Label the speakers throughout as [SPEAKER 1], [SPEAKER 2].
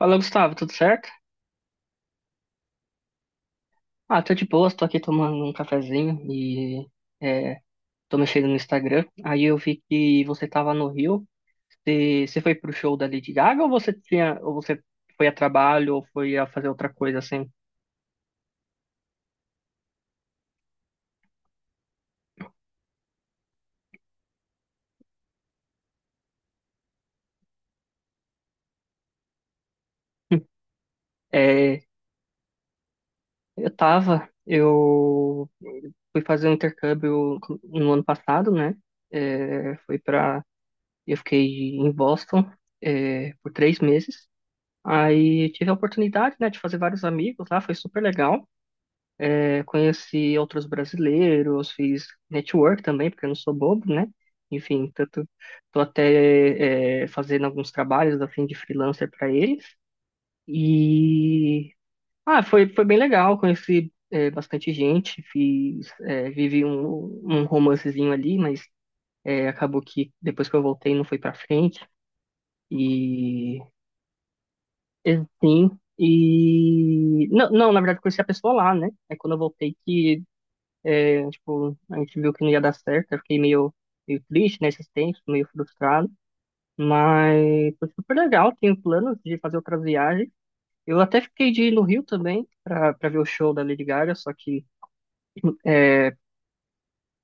[SPEAKER 1] Fala, Gustavo, tudo certo? Ah, tô de boa, tô aqui tomando um cafezinho e é, tô mexendo no Instagram. Aí eu vi que você tava no Rio. Você foi pro show da Lady Gaga ou você tinha, ou você foi a trabalho ou foi a fazer outra coisa assim? É, eu tava, eu fui fazer um intercâmbio no ano passado, né? É, fui para, eu fiquei em Boston, por três meses. Aí tive a oportunidade, né, de fazer vários amigos lá, foi super legal. Eu conheci outros brasileiros, fiz network também, porque eu não sou bobo, né? Enfim, tanto tô até fazendo alguns trabalhos a fim de freelancer para eles. E ah, foi bem legal, conheci bastante gente, fiz, vivi um, um romancezinho ali, mas acabou que depois que eu voltei não foi para frente. E e, sim, e não, não, na verdade eu conheci a pessoa lá, né? É quando eu voltei que tipo, a gente viu que não ia dar certo, eu fiquei meio, meio triste nesse tempo, meio frustrado. Mas foi super legal, tenho planos de fazer outras viagens. Eu até fiquei de ir no Rio também para ver o show da Lady Gaga, só que é,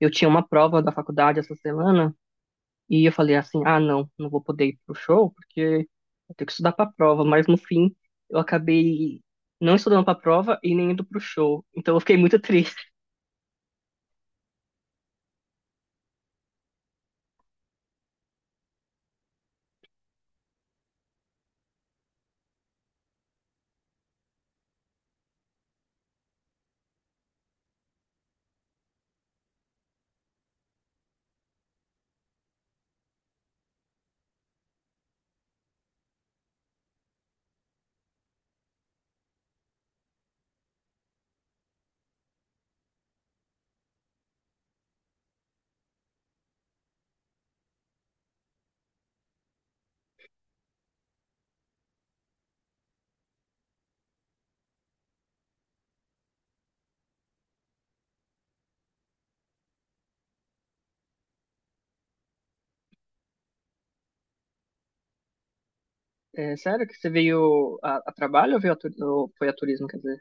[SPEAKER 1] eu tinha uma prova da faculdade essa semana e eu falei assim, ah, não, não vou poder ir pro show porque eu tenho que estudar para a prova. Mas no fim, eu acabei não estudando para a prova e nem indo pro show. Então eu fiquei muito triste. É, sério que você veio a trabalho ou veio a, ou foi a turismo, quer dizer?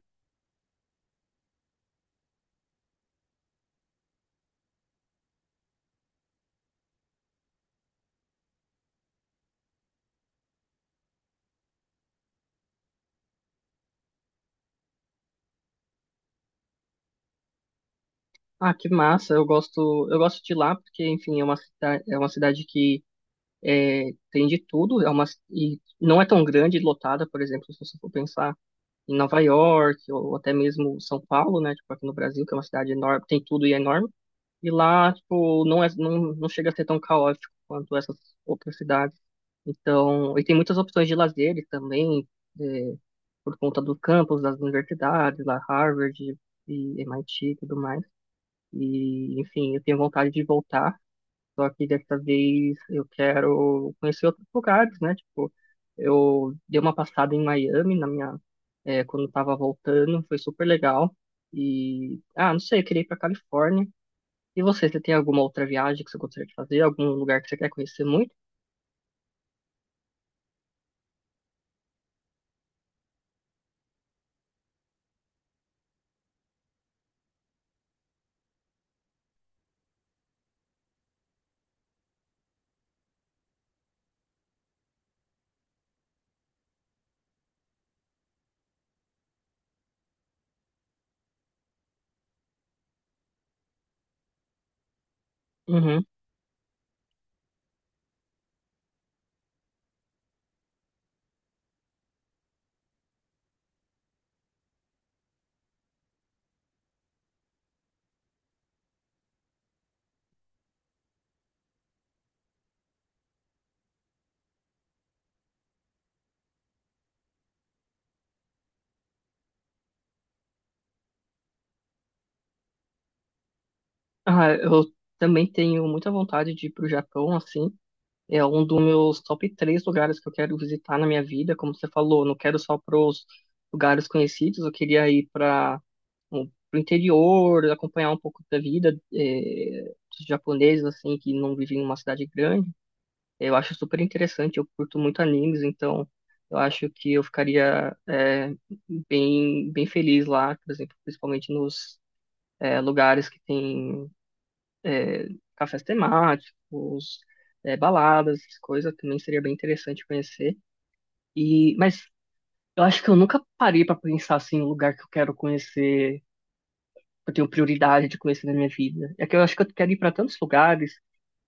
[SPEAKER 1] Ah, que massa. Eu gosto de lá porque, enfim, é uma cidade que é, tem de tudo, é uma e não é tão grande e lotada, por exemplo, se você for pensar em Nova York ou até mesmo São Paulo, né, tipo aqui no Brasil, que é uma cidade enorme, tem tudo e é enorme. E lá, tipo, não é, não, não chega a ser tão caótico quanto essas outras cidades. Então, e tem muitas opções de lazer também, é, por conta do campus das universidades, lá Harvard e MIT e tudo mais. E, enfim, eu tenho vontade de voltar, só que dessa vez eu quero conhecer outros lugares, né? Tipo, eu dei uma passada em Miami na minha, quando eu tava voltando, foi super legal. E, ah, não sei, eu queria ir pra Califórnia. E você tem alguma outra viagem que você gostaria de fazer? Algum lugar que você quer conhecer muito? Uhum. Ah, eu também tenho muita vontade de ir pro Japão, assim. É um dos meus top três lugares que eu quero visitar na minha vida. Como você falou, não quero só para os lugares conhecidos, eu queria ir para o interior, acompanhar um pouco da vida dos japoneses, assim, que não vivem em uma cidade grande. Eu acho super interessante, eu curto muito animes, então eu acho que eu ficaria bem, bem feliz lá, por exemplo, principalmente nos lugares que tem é, cafés temáticos, baladas, coisa também seria bem interessante conhecer. E, mas eu acho que eu nunca parei para pensar assim, o lugar que eu quero conhecer, que eu tenho prioridade de conhecer na minha vida. É que eu acho que eu quero ir para tantos lugares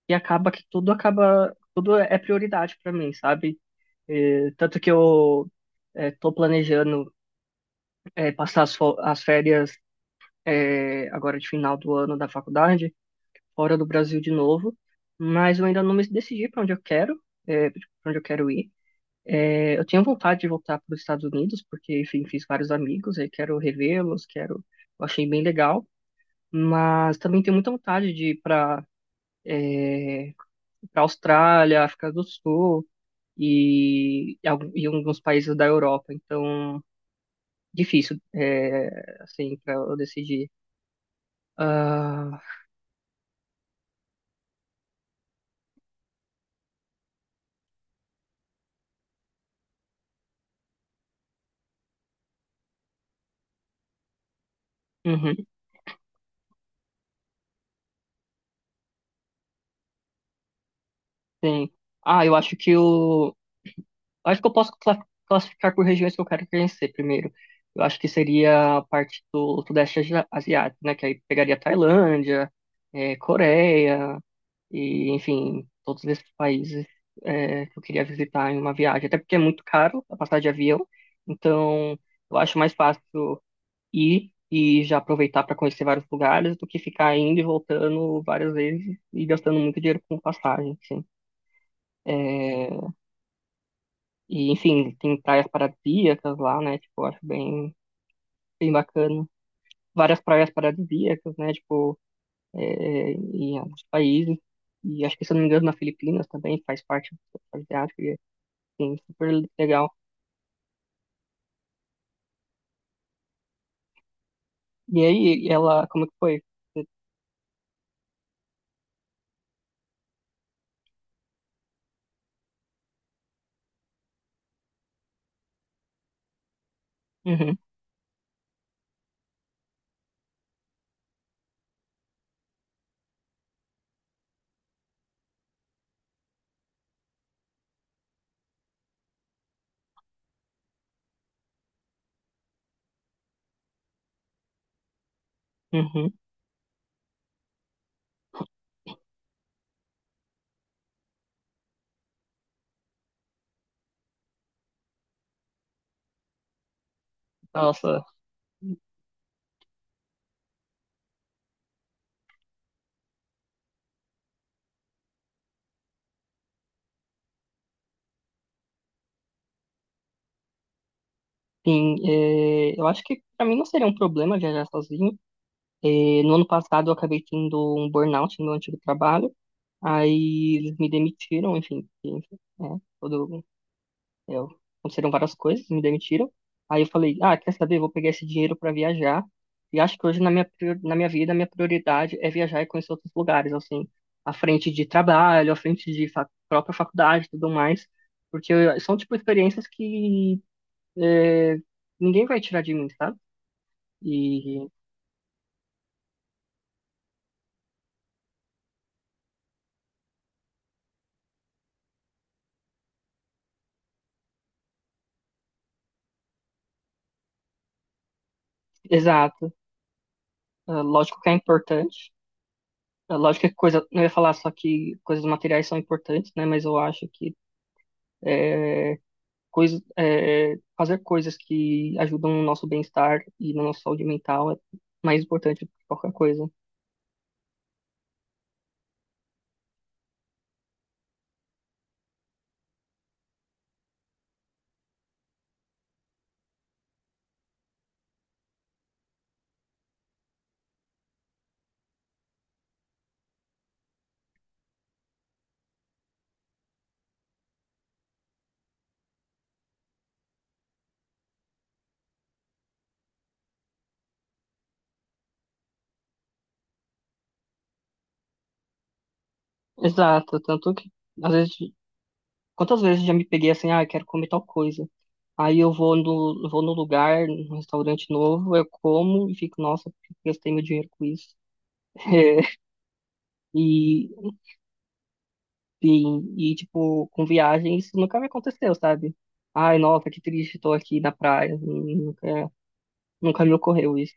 [SPEAKER 1] e acaba que tudo acaba, tudo é prioridade para mim, sabe? É, tanto que eu tô planejando passar as, as férias agora de final do ano da faculdade fora do Brasil de novo, mas eu ainda não me decidi para onde eu quero, para onde eu quero ir. É, eu tinha vontade de voltar para os Estados Unidos, porque, enfim, fiz vários amigos, aí quero revê-los, quero, eu achei bem legal, mas também tenho muita vontade de ir para Austrália, África do Sul e e alguns países da Europa. Então, difícil, é, assim, para eu decidir. Ah, uhum, sim. Ah, eu acho que o acho que eu posso classificar por regiões que eu quero conhecer primeiro. Eu acho que seria a parte do Sudeste Asiático, né? Que aí pegaria Tailândia, Coreia, e enfim, todos esses países que eu queria visitar em uma viagem. Até porque é muito caro a passagem de avião, então eu acho mais fácil ir e já aproveitar para conhecer vários lugares do que ficar indo e voltando várias vezes e gastando muito dinheiro com passagem, assim. E, enfim, tem praias paradisíacas lá, né? Tipo, eu acho bem, bem bacana. Várias praias paradisíacas, né? Tipo, em alguns países. E acho que, se eu não me engano, na Filipinas também faz parte do asiático. E, é, assim, super legal. E aí, ela, como que foi? Uhum, uhum. Nossa, sim, é, eu acho que pra mim não seria um problema viajar sozinho. É, no ano passado eu acabei tendo um burnout no meu antigo trabalho. Aí eles me demitiram, enfim, enfim, né? Todo, eu, aconteceram várias coisas, me demitiram. Aí eu falei, ah, quer saber? Vou pegar esse dinheiro para viajar. E acho que hoje na minha, na minha vida, a minha prioridade é viajar e conhecer outros lugares, assim, à frente de trabalho, à frente de fa própria faculdade e tudo mais. Porque são, tipo, experiências que é, ninguém vai tirar de mim, sabe? E, exato. É, lógico que é importante. É, lógico que é coisa, não ia falar só que coisas materiais são importantes, né? Mas eu acho que eh, coisa, é, fazer coisas que ajudam no nosso bem-estar e na nossa saúde mental é mais importante do que qualquer coisa. Exato, tanto que às vezes, quantas vezes já me peguei assim, ah, eu quero comer tal coisa. Aí eu vou no lugar, num restaurante novo, eu como e fico, nossa, por que eu gastei meu dinheiro com isso. E, e, tipo, com viagem isso nunca me aconteceu, sabe? Ai, nossa, que triste, tô aqui na praia. Nunca, nunca me ocorreu isso.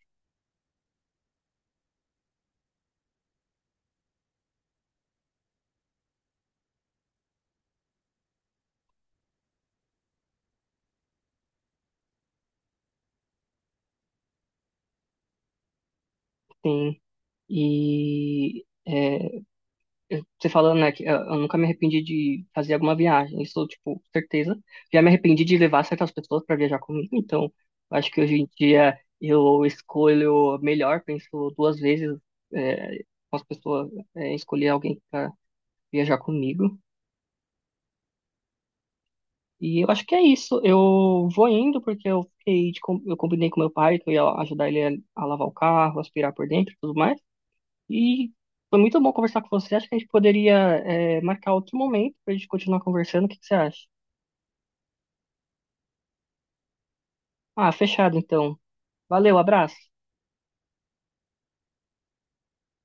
[SPEAKER 1] Sim. E é, você falando, né, que eu nunca me arrependi de fazer alguma viagem, isso, tipo, certeza. Já me arrependi de levar certas pessoas para viajar comigo, então eu acho que hoje em dia eu escolho melhor, penso duas vezes é, com as pessoas, escolher alguém para viajar comigo. E eu acho que é isso. Eu vou indo porque eu fiquei de eu combinei com meu pai que eu ia ajudar ele a lavar o carro, aspirar por dentro, e tudo mais. E foi muito bom conversar com você. Acho que a gente poderia, marcar outro momento para a gente continuar conversando. O que que você acha? Ah, fechado então. Valeu, abraço.